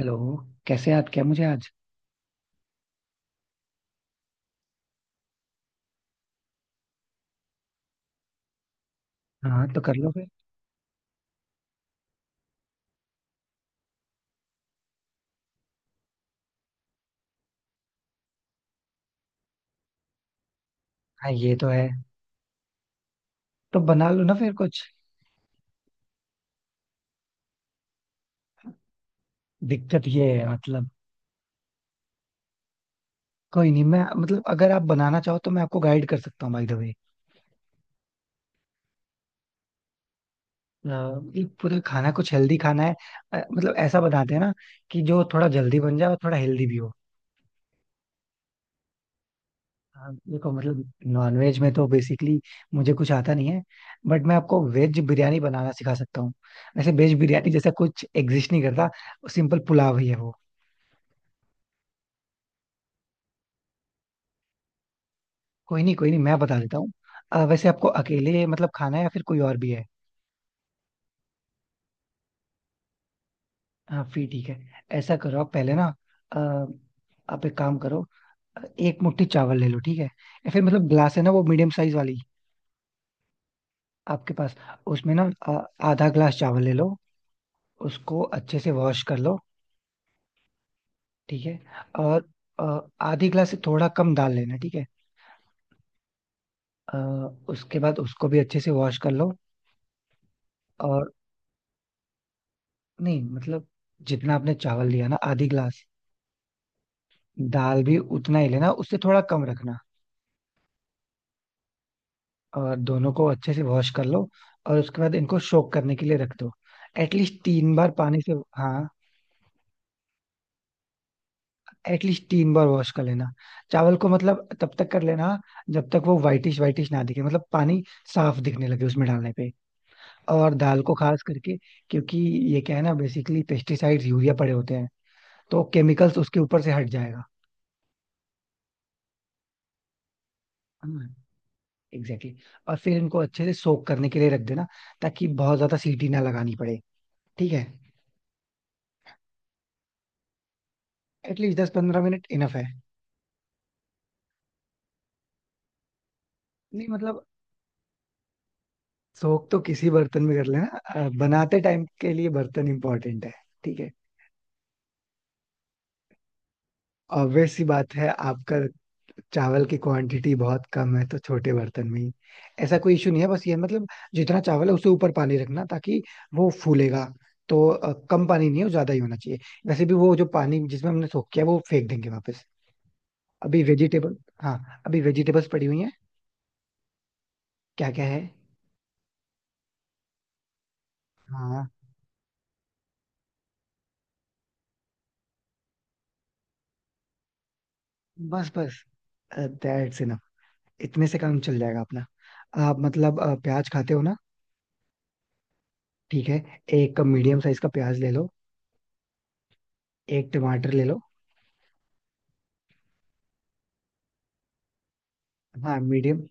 Hello. कैसे याद किया मुझे आज? हाँ, तो कर लो फिर। हाँ, ये तो है। तो बना लो ना फिर कुछ। दिक्कत ये है, मतलब। कोई नहीं, मैं मतलब अगर आप बनाना चाहो तो मैं आपको गाइड कर सकता हूँ, बाय द वे। ये पूरा खाना कुछ हेल्दी खाना है। मतलब ऐसा बनाते हैं ना कि जो थोड़ा जल्दी बन जाए और थोड़ा हेल्दी भी हो। हाँ, देखो मतलब नॉनवेज में तो बेसिकली मुझे कुछ आता नहीं है। बट मैं आपको वेज बिरयानी बनाना सिखा सकता हूँ। वैसे वेज बिरयानी जैसा कुछ एग्जिस्ट नहीं करता, सिंपल पुलाव ही है वो। कोई नहीं कोई नहीं, मैं बता देता हूँ। वैसे आपको अकेले मतलब खाना है या फिर कोई और भी है? हाँ फिर ठीक है। ऐसा करो आप पहले ना। अ, आप एक काम करो। एक मुट्ठी चावल ले लो, ठीक है? या फिर मतलब ग्लास है ना वो मीडियम साइज वाली आपके पास? उसमें ना आधा ग्लास चावल ले लो। उसको अच्छे से वॉश कर लो। ठीक है। और अ, आधी ग्लास से थोड़ा कम दाल लेना, ठीक है। अ, उसके बाद उसको भी अच्छे से वॉश कर लो। और नहीं मतलब जितना आपने चावल लिया ना आधी ग्लास, दाल भी उतना ही लेना, उससे थोड़ा कम रखना। और दोनों को अच्छे से वॉश कर लो। और उसके बाद इनको सोक करने के लिए रख दो। एटलीस्ट 3 बार पानी से। हाँ। एटलीस्ट 3 बार वॉश कर लेना। चावल को मतलब तब तक कर लेना जब तक वो वाइटिश वाइटिश ना दिखे, मतलब पानी साफ दिखने लगे उसमें डालने पे। और दाल को खास करके, क्योंकि ये क्या है ना बेसिकली पेस्टिसाइड्स यूरिया पड़े होते हैं, तो केमिकल्स उसके ऊपर से हट जाएगा। एग्जैक्टली और फिर इनको अच्छे से सोक करने के लिए रख देना, ताकि बहुत ज्यादा सीटी ना लगानी पड़े। ठीक है। एटलीस्ट 10 15 मिनट इनफ है। नहीं मतलब सोख तो किसी बर्तन में कर लेना। बनाते टाइम के लिए बर्तन इंपॉर्टेंट है। ठीक है। ऑब्वियस सी बात है, आपका चावल की क्वांटिटी बहुत कम है तो छोटे बर्तन में ही। ऐसा कोई इशू नहीं है, बस ये मतलब जितना चावल है उससे ऊपर पानी रखना, ताकि वो फूलेगा। तो कम पानी नहीं हो, ज्यादा ही होना चाहिए। वैसे भी वो जो पानी जिसमें हमने सोख किया वो फेंक देंगे वापस। अभी वेजिटेबल। हाँ, अभी वेजिटेबल्स पड़ी हुई हैं। क्या क्या है? हाँ, बस बस। That's enough. इतने से काम चल जाएगा अपना। आप मतलब प्याज खाते हो ना? ठीक है। एक मीडियम साइज का प्याज ले लो। एक टमाटर ले लो। हाँ, मीडियम।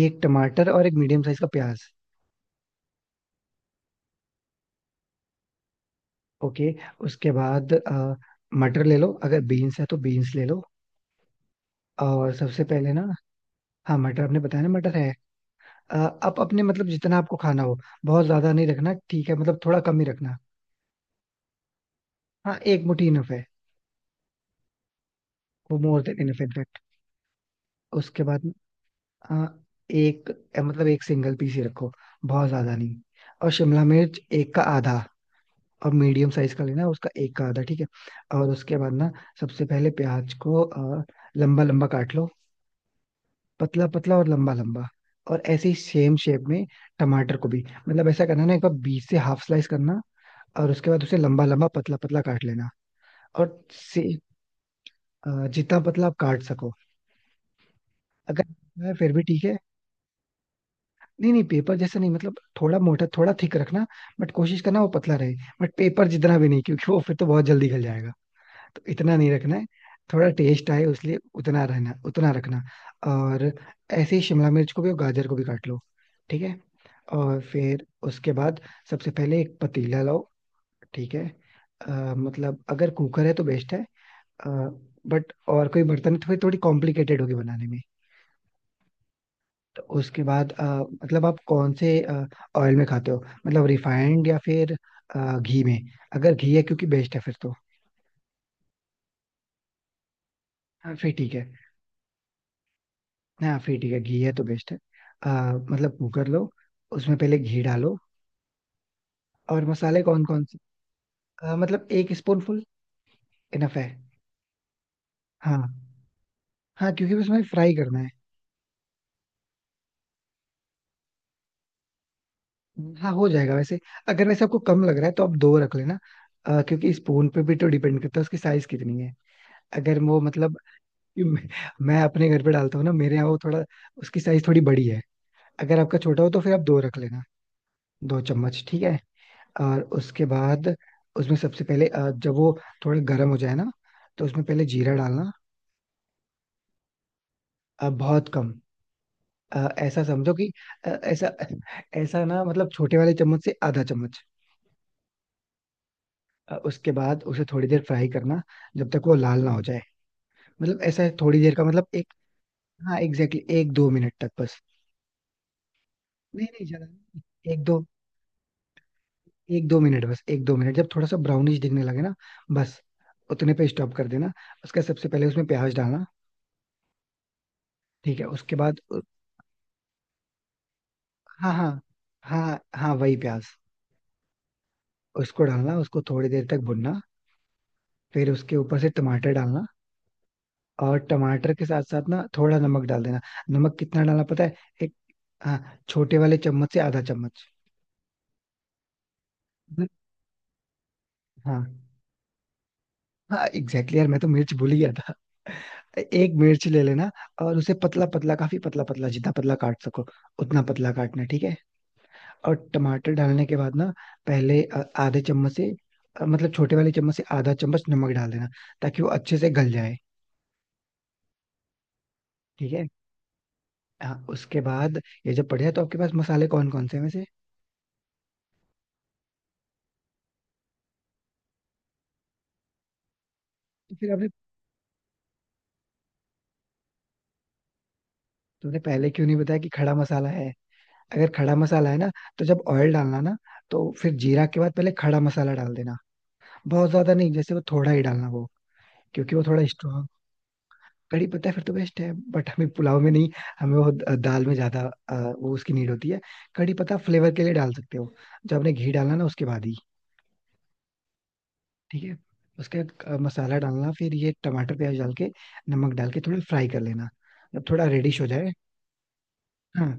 एक टमाटर और एक मीडियम साइज का प्याज। ओके। उसके बाद मटर ले लो, अगर बीन्स है तो बीन्स ले लो। और सबसे पहले ना, हाँ मटर आपने बताया ना मटर है। अ, आप अपने मतलब जितना आपको खाना हो, बहुत ज्यादा नहीं रखना, ठीक है? मतलब थोड़ा कम ही रखना। हाँ, एक मुट्ठी इनफ है। वो मोर देन इनफ इनफैक्ट। उसके बाद हाँ एक, मतलब एक सिंगल पीस ही रखो, बहुत ज्यादा नहीं। और शिमला मिर्च एक का आधा, और मीडियम साइज का लेना, उसका एक का आधा, ठीक है। और उसके बाद ना सबसे पहले प्याज को लंबा लंबा काट लो, पतला पतला और लंबा लंबा। और ऐसे ही सेम शेप में टमाटर को भी, मतलब ऐसा करना ना एक बार बीच से हाफ स्लाइस करना, और उसके बाद उसे लंबा लंबा पतला पतला काट लेना। और से जितना पतला आप काट सको। अगर है फिर भी ठीक है। नहीं नहीं, पेपर जैसा नहीं, मतलब थोड़ा मोटा थोड़ा थिक रखना। बट कोशिश करना वो पतला रहे, बट पेपर जितना भी नहीं, क्योंकि वो फिर तो बहुत जल्दी गल जाएगा, तो इतना नहीं रखना है। थोड़ा टेस्ट आए उसलिए उतना रहना उतना रखना। और ऐसे ही शिमला मिर्च को भी और गाजर को भी काट लो। ठीक है। और फिर उसके बाद सबसे पहले एक पतीला लाओ, ठीक है। अ, मतलब अगर कुकर है तो बेस्ट है, बट और कोई बर्तन है तो फिर थोड़ी कॉम्प्लिकेटेड होगी बनाने में। तो उसके बाद मतलब आप कौन से ऑयल में खाते हो, मतलब रिफाइंड या फिर घी में? अगर घी है क्योंकि बेस्ट है फिर तो। हाँ फिर ठीक है। हाँ फिर ठीक है, घी है तो बेस्ट है। अ, मतलब कुकर लो। उसमें पहले घी डालो। और मसाले कौन कौन से? मतलब एक स्पून फुल इनफ है। हाँ हाँ, क्योंकि उसमें फ्राई करना है। हाँ हो जाएगा, वैसे अगर वैसे आपको कम लग रहा है तो आप दो रख लेना। क्योंकि स्पून पे भी तो डिपेंड करता है उसकी साइज कितनी है। अगर वो मतलब, कि मैं, मैं अपने घर पे डालता हूँ ना, मेरे यहाँ वो थोड़ा उसकी साइज थोड़ी बड़ी है। अगर आपका छोटा हो तो फिर आप दो रख लेना। 2 चम्मच ठीक है। और उसके बाद उसमें सबसे पहले जब वो थोड़ा गर्म हो जाए ना तो उसमें पहले जीरा डालना। बहुत कम। ऐसा समझो कि ऐसा ऐसा ना, मतलब छोटे वाले चम्मच से आधा चम्मच। उसके बाद उसे थोड़ी देर फ्राई करना, जब तक वो लाल ना हो जाए, मतलब ऐसा है थोड़ी देर का मतलब एक, हाँ एग्जैक्टली 1 2 मिनट तक बस। नहीं नहीं ज्यादा नहीं, एक दो एक दो मिनट, बस 1 2 मिनट, जब थोड़ा सा ब्राउनिश दिखने लगे ना बस उतने पे स्टॉप कर देना। उसका सबसे पहले उसमें प्याज डालना, ठीक है? उसके बाद हाँ हाँ हाँ हाँ वही प्याज। उसको डालना, उसको थोड़ी देर तक भुनना, फिर उसके ऊपर से टमाटर डालना। और टमाटर के साथ साथ ना थोड़ा नमक डाल देना। नमक कितना डालना पता है? एक, हाँ छोटे वाले चम्मच से आधा चम्मच। हाँ हाँ एग्जैक्टली, यार मैं तो मिर्च भूल ही गया था। एक मिर्च ले लेना, और उसे पतला पतला, काफी पतला पतला, जितना पतला काट सको उतना पतला काटना, ठीक है? और टमाटर डालने के बाद ना पहले आधे चम्मच से मतलब छोटे वाले चम्मच से आधा चम्मच नमक डाल देना, ताकि वो अच्छे से गल जाए। ठीक है। हाँ, उसके बाद ये जब पड़ जाए तो आपके पास मसाले कौन कौन से हैं वैसे? तो फिर आपने, तुमने पहले क्यों नहीं बताया कि खड़ा मसाला है? अगर खड़ा मसाला है ना तो जब ऑयल डालना ना तो फिर जीरा के बाद पहले खड़ा मसाला डाल देना। बहुत ज्यादा नहीं, जैसे वो थोड़ा ही डालना वो, क्योंकि वो थोड़ा स्ट्रॉन्ग। कड़ी पत्ता फिर तो बेस्ट है, बट हमें पुलाव में नहीं, हमें वो दाल में ज्यादा वो उसकी नीड होती है। कड़ी पत्ता फ्लेवर के लिए डाल सकते हो, जब आपने घी डालना ना उसके बाद ही, ठीक है। उसके बाद मसाला डालना, फिर ये टमाटर प्याज डाल के, नमक डाल के थोड़ा फ्राई कर लेना, जब थोड़ा रेडिश हो जाए। हाँ,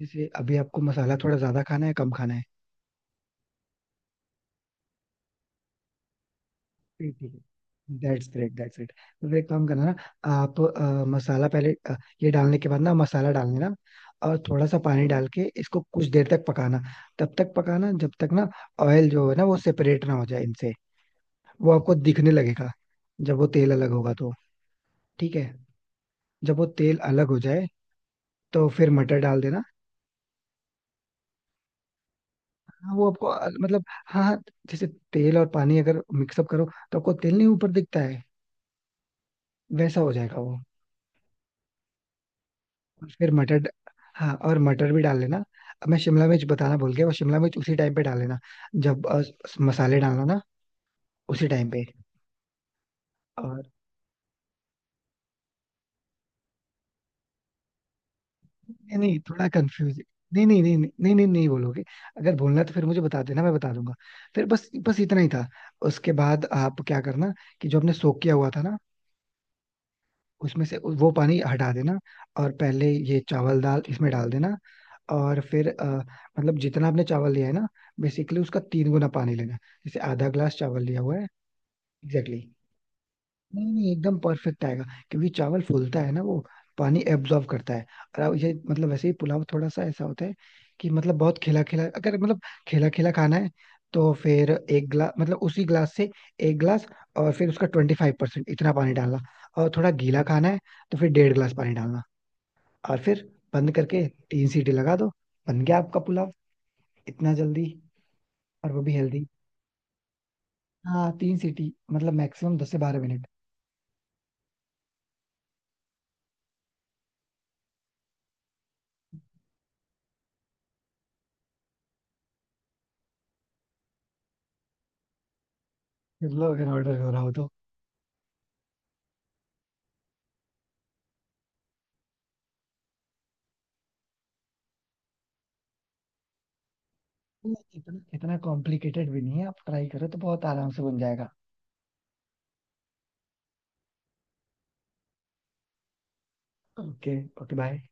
जैसे अभी आपको मसाला थोड़ा ज्यादा खाना है कम खाना है। ठीक ठीक है। That's great that's great. तो फिर एक काम करना ना, आप मसाला पहले ये डालने के बाद ना मसाला डाल देना, और थोड़ा सा पानी डाल के इसको कुछ देर तक पकाना। तब तक पकाना जब तक ना ऑयल जो है ना वो सेपरेट ना हो जाए इनसे। वो आपको दिखने लगेगा, जब वो तेल अलग होगा तो, ठीक है? जब वो तेल अलग हो जाए तो फिर मटर डाल देना। हाँ वो आपको मतलब हाँ हाँ, जैसे तेल और पानी अगर मिक्सअप करो तो आपको तेल नहीं ऊपर दिखता है? वैसा हो जाएगा वो। और फिर मटर, हाँ और मटर भी डाल लेना। अब मैं शिमला मिर्च बताना भूल गया, वो शिमला मिर्च उसी टाइम पे डाल लेना, जब मसाले डालना ना, उसी टाइम पे। और नहीं नहीं, थोड़ा कंफ्यूज, नहीं नहीं नहीं नहीं नहीं नहीं नहीं बोलोगे? अगर बोलना है तो फिर मुझे बता देना, मैं बता दूंगा। फिर बस बस इतना ही था। उसके बाद आप क्या करना कि जो हमने सोक किया हुआ था ना, उसमें से वो पानी हटा देना, और पहले ये चावल दाल इसमें डाल देना। और फिर मतलब जितना आपने चावल लिया है ना, बेसिकली उसका 3 गुना पानी लेना। जैसे आधा ग्लास चावल लिया हुआ है। एग्जैक्टली। नहीं नहीं एकदम परफेक्ट आएगा, क्योंकि चावल फूलता है ना, वो पानी एब्जॉर्ब करता है। और अब ये मतलब वैसे ही पुलाव थोड़ा सा ऐसा होता है कि मतलब बहुत खिला खिला, अगर मतलब खिला खिला खाना है तो फिर एक ग्लास, मतलब उसी ग्लास से एक ग्लास, और फिर उसका 25% इतना पानी डालना। और थोड़ा गीला खाना है तो फिर डेढ़ ग्लास पानी डालना। और फिर बंद करके तीन सीटी लगा दो, बन गया आपका पुलाव, इतना जल्दी, और वो भी हेल्दी। हाँ तीन सीटी मतलब मैक्सिमम 10 से 12 मिनट। मतलब अगर ऑर्डर हो रहा हो तो। नहीं, इतना इतना कॉम्प्लिकेटेड भी नहीं है, आप ट्राई करो तो बहुत आराम से बन जाएगा। ओके। Okay bye.